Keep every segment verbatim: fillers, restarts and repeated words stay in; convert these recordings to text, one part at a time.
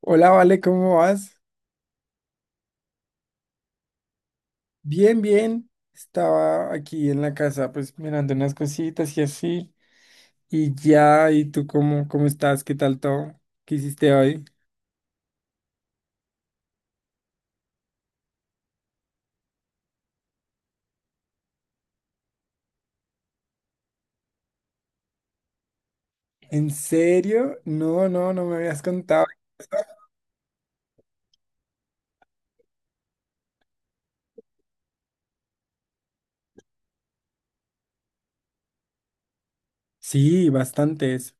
Hola, Vale, ¿cómo vas? Bien, bien. Estaba aquí en la casa, pues mirando unas cositas y así. Y ya, ¿y tú cómo, cómo estás? ¿Qué tal todo? ¿Qué hiciste hoy? ¿En serio? No, no, no me habías contado. Sí, bastantes.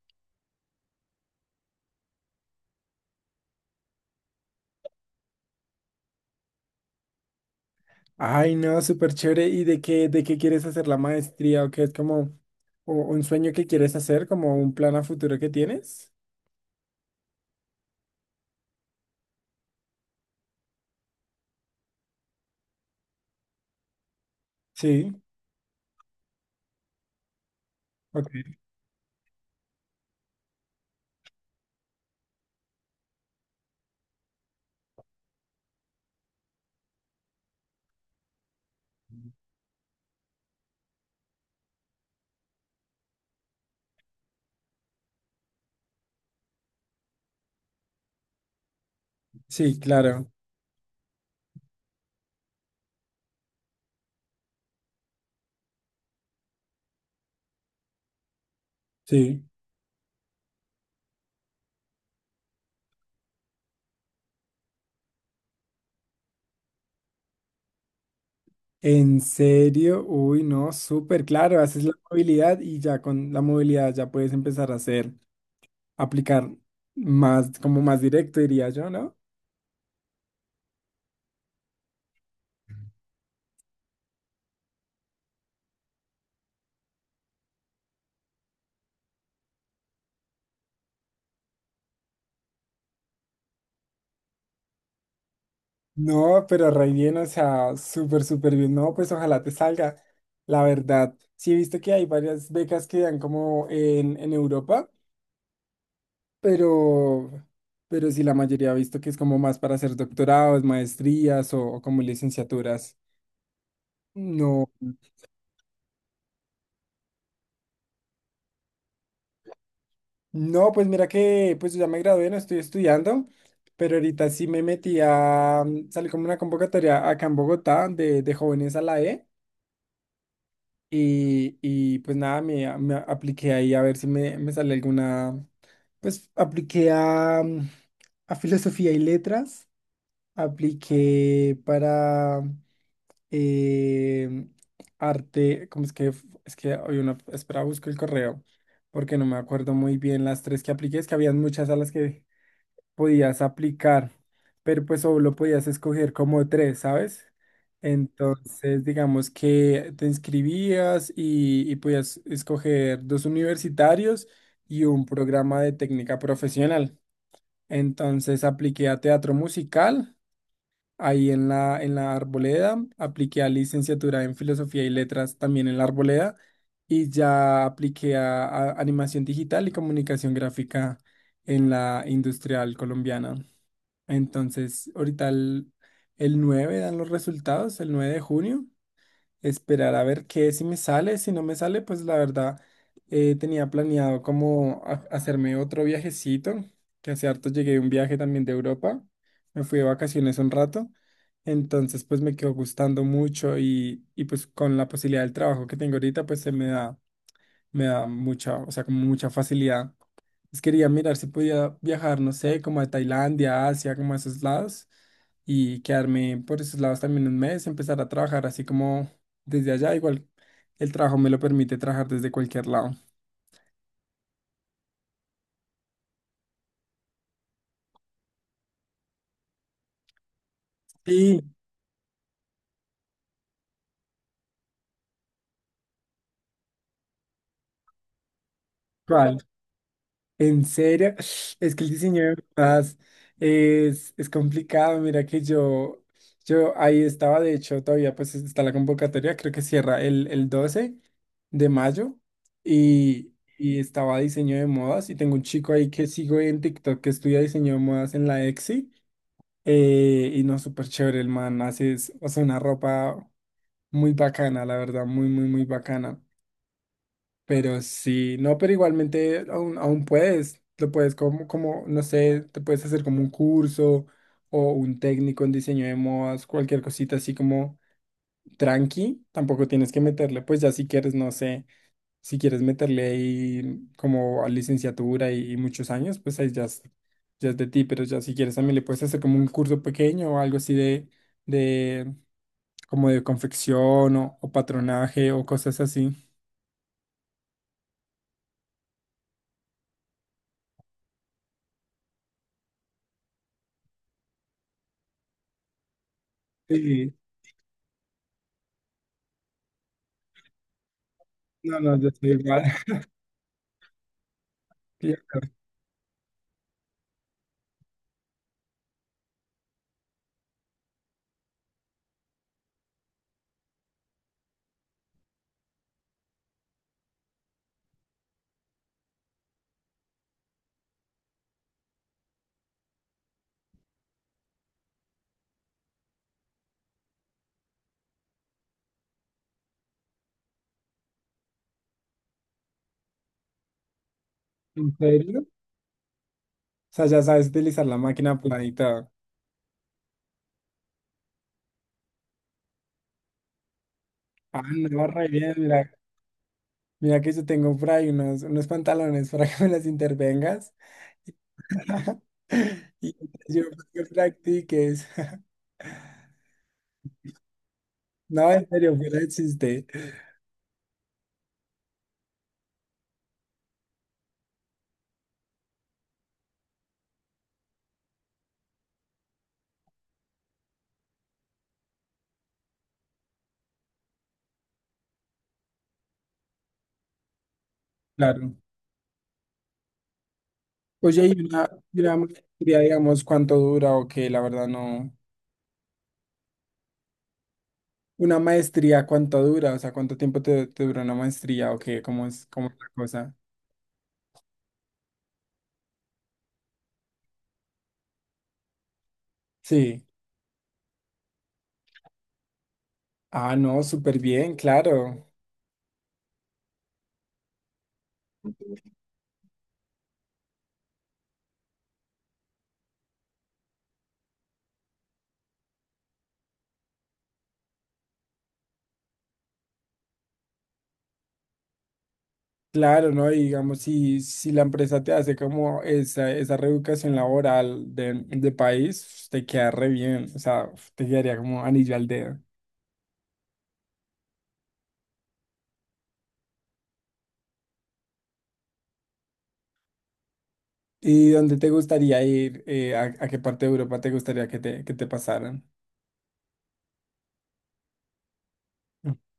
Ay, no, súper chévere. ¿Y de qué, de qué quieres hacer la maestría? ¿O qué es como o- un sueño que quieres hacer? ¿Como un plan a futuro que tienes? Sí, ok. Sí, claro. Sí. En serio, uy, no, súper claro, haces la movilidad y ya con la movilidad ya puedes empezar a hacer, aplicar más, como más directo, diría yo, ¿no? No, pero re bien, o sea, súper, súper bien. No, pues ojalá te salga. La verdad, sí he visto que hay varias becas que dan como en, en Europa, pero, pero sí la mayoría ha visto que es como más para hacer doctorados, maestrías o, o como licenciaturas. No. No, pues mira que pues yo ya me gradué, no estoy estudiando, pero ahorita sí me metí a, mm, salí como una convocatoria acá en Bogotá de, de jóvenes a la E y, y pues nada, me, a- me apliqué ahí a ver si me, me sale alguna, pues apliqué a, mm, a filosofía y letras. Apliqué para eh, arte, ¿cómo es que? f- Es que hoy una, espera, busco el correo, porque no me acuerdo muy bien las tres que apliqué, es que habían muchas a las que podías aplicar, pero pues solo podías escoger como tres, ¿sabes? Entonces, digamos que te inscribías y, y podías escoger dos universitarios y un programa de técnica profesional. Entonces, apliqué a teatro musical ahí en la, en la, Arboleda, apliqué a licenciatura en Filosofía y Letras también en la Arboleda y ya apliqué a, a Animación Digital y Comunicación Gráfica en la Industrial Colombiana. Entonces, ahorita el, el nueve dan los resultados, el nueve de junio, esperar a ver qué, si me sale, si no me sale, pues la verdad eh, tenía planeado como ha- hacerme otro viajecito, que hace harto llegué de un viaje también de Europa, me fui de vacaciones un rato, entonces pues me quedó gustando mucho y, y pues con la posibilidad del trabajo que tengo ahorita, pues se me da, me da mucha, o sea, como mucha facilidad. Pues quería mirar si podía viajar, no sé, como a Tailandia, Asia, como a esos lados, y quedarme por esos lados también un mes, empezar a trabajar así como desde allá. Igual el trabajo me lo permite trabajar desde cualquier lado. ¿Y cuál? En serio, es que el diseño de portadas es, es complicado. Mira que yo, yo ahí estaba, de hecho, todavía pues está la convocatoria, creo que cierra el, el doce de mayo y, y estaba diseño de modas y tengo un chico ahí que sigo en TikTok que estudia diseño de modas en la E X I, eh, y no, súper chévere el man, hace, es- o sea, una ropa muy bacana, la verdad, muy, muy, muy bacana. Pero sí, no, pero igualmente aún, aún puedes, lo puedes como, como, no sé, te puedes hacer como un curso o un técnico en diseño de modas, cualquier cosita así como tranqui, tampoco tienes que meterle, pues ya si quieres, no sé, si quieres meterle ahí como a licenciatura y, y muchos años, pues ahí ya es, ya es de ti, pero ya si quieres también le puedes hacer como un curso pequeño o algo así de, de como de confección o, o patronaje o cosas así. Sí, no, no, yo estoy igual. Tío, ¿en serio? O sea, ya sabes utilizar la máquina aplanada y todo. Ah, no, re bien, mira. Mira que yo tengo por ahí unos, unos pantalones para que me las intervengas. Y yo para que practiques. No, en serio, fuera de chiste. Claro. Oye, y una, y una maestría, digamos, ¿cuánto dura o qué? La verdad no. Una maestría, ¿cuánto dura? O sea, ¿cuánto tiempo te, te dura una maestría o qué? ¿Cómo es, cómo es la cosa? Sí. Ah, no, súper bien, claro. Claro, ¿no? Y digamos, si, si la empresa te hace como esa, esa reeducación laboral de, de país, te queda re bien, o sea, uf, te quedaría como anillo al dedo. ¿Y dónde te gustaría ir? Eh, a, a qué parte de Europa te gustaría que te, que te pasaran?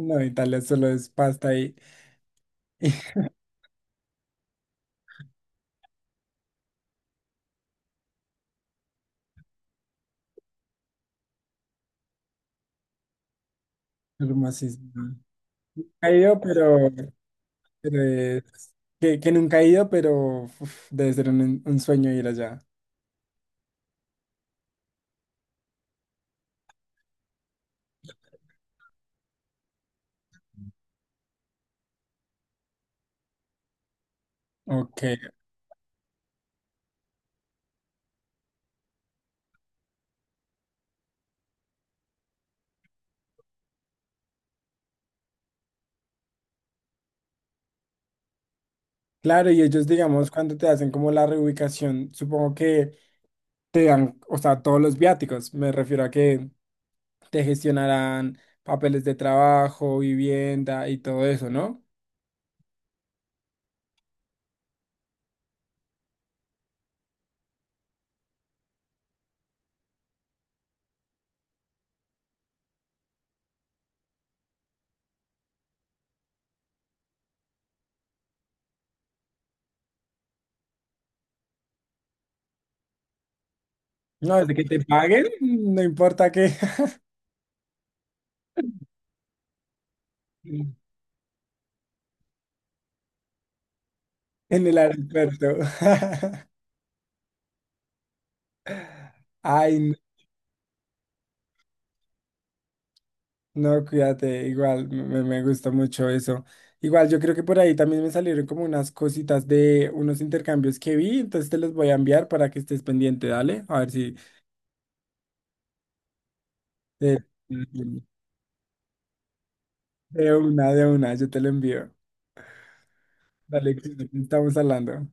No, Italia solo es pasta y, y hermosísimo. He ido, pero, pero es- que, que nunca he ido, pero uf, debe ser un, un sueño ir allá. Ok. Claro, y ellos, digamos, cuando te hacen como la reubicación, supongo que te dan, o sea, todos los viáticos. Me refiero a que te gestionarán papeles de trabajo, vivienda y todo eso, ¿no? No, desde que te paguen, no importa que en el aeropuerto. Ay, no, cuídate, igual me, me gusta mucho eso. Igual yo creo que por ahí también me salieron como unas cositas de unos intercambios que vi, entonces te los voy a enviar para que estés pendiente, dale. A ver si de, de una, de una, yo te lo envío. Dale, Cris, estamos hablando.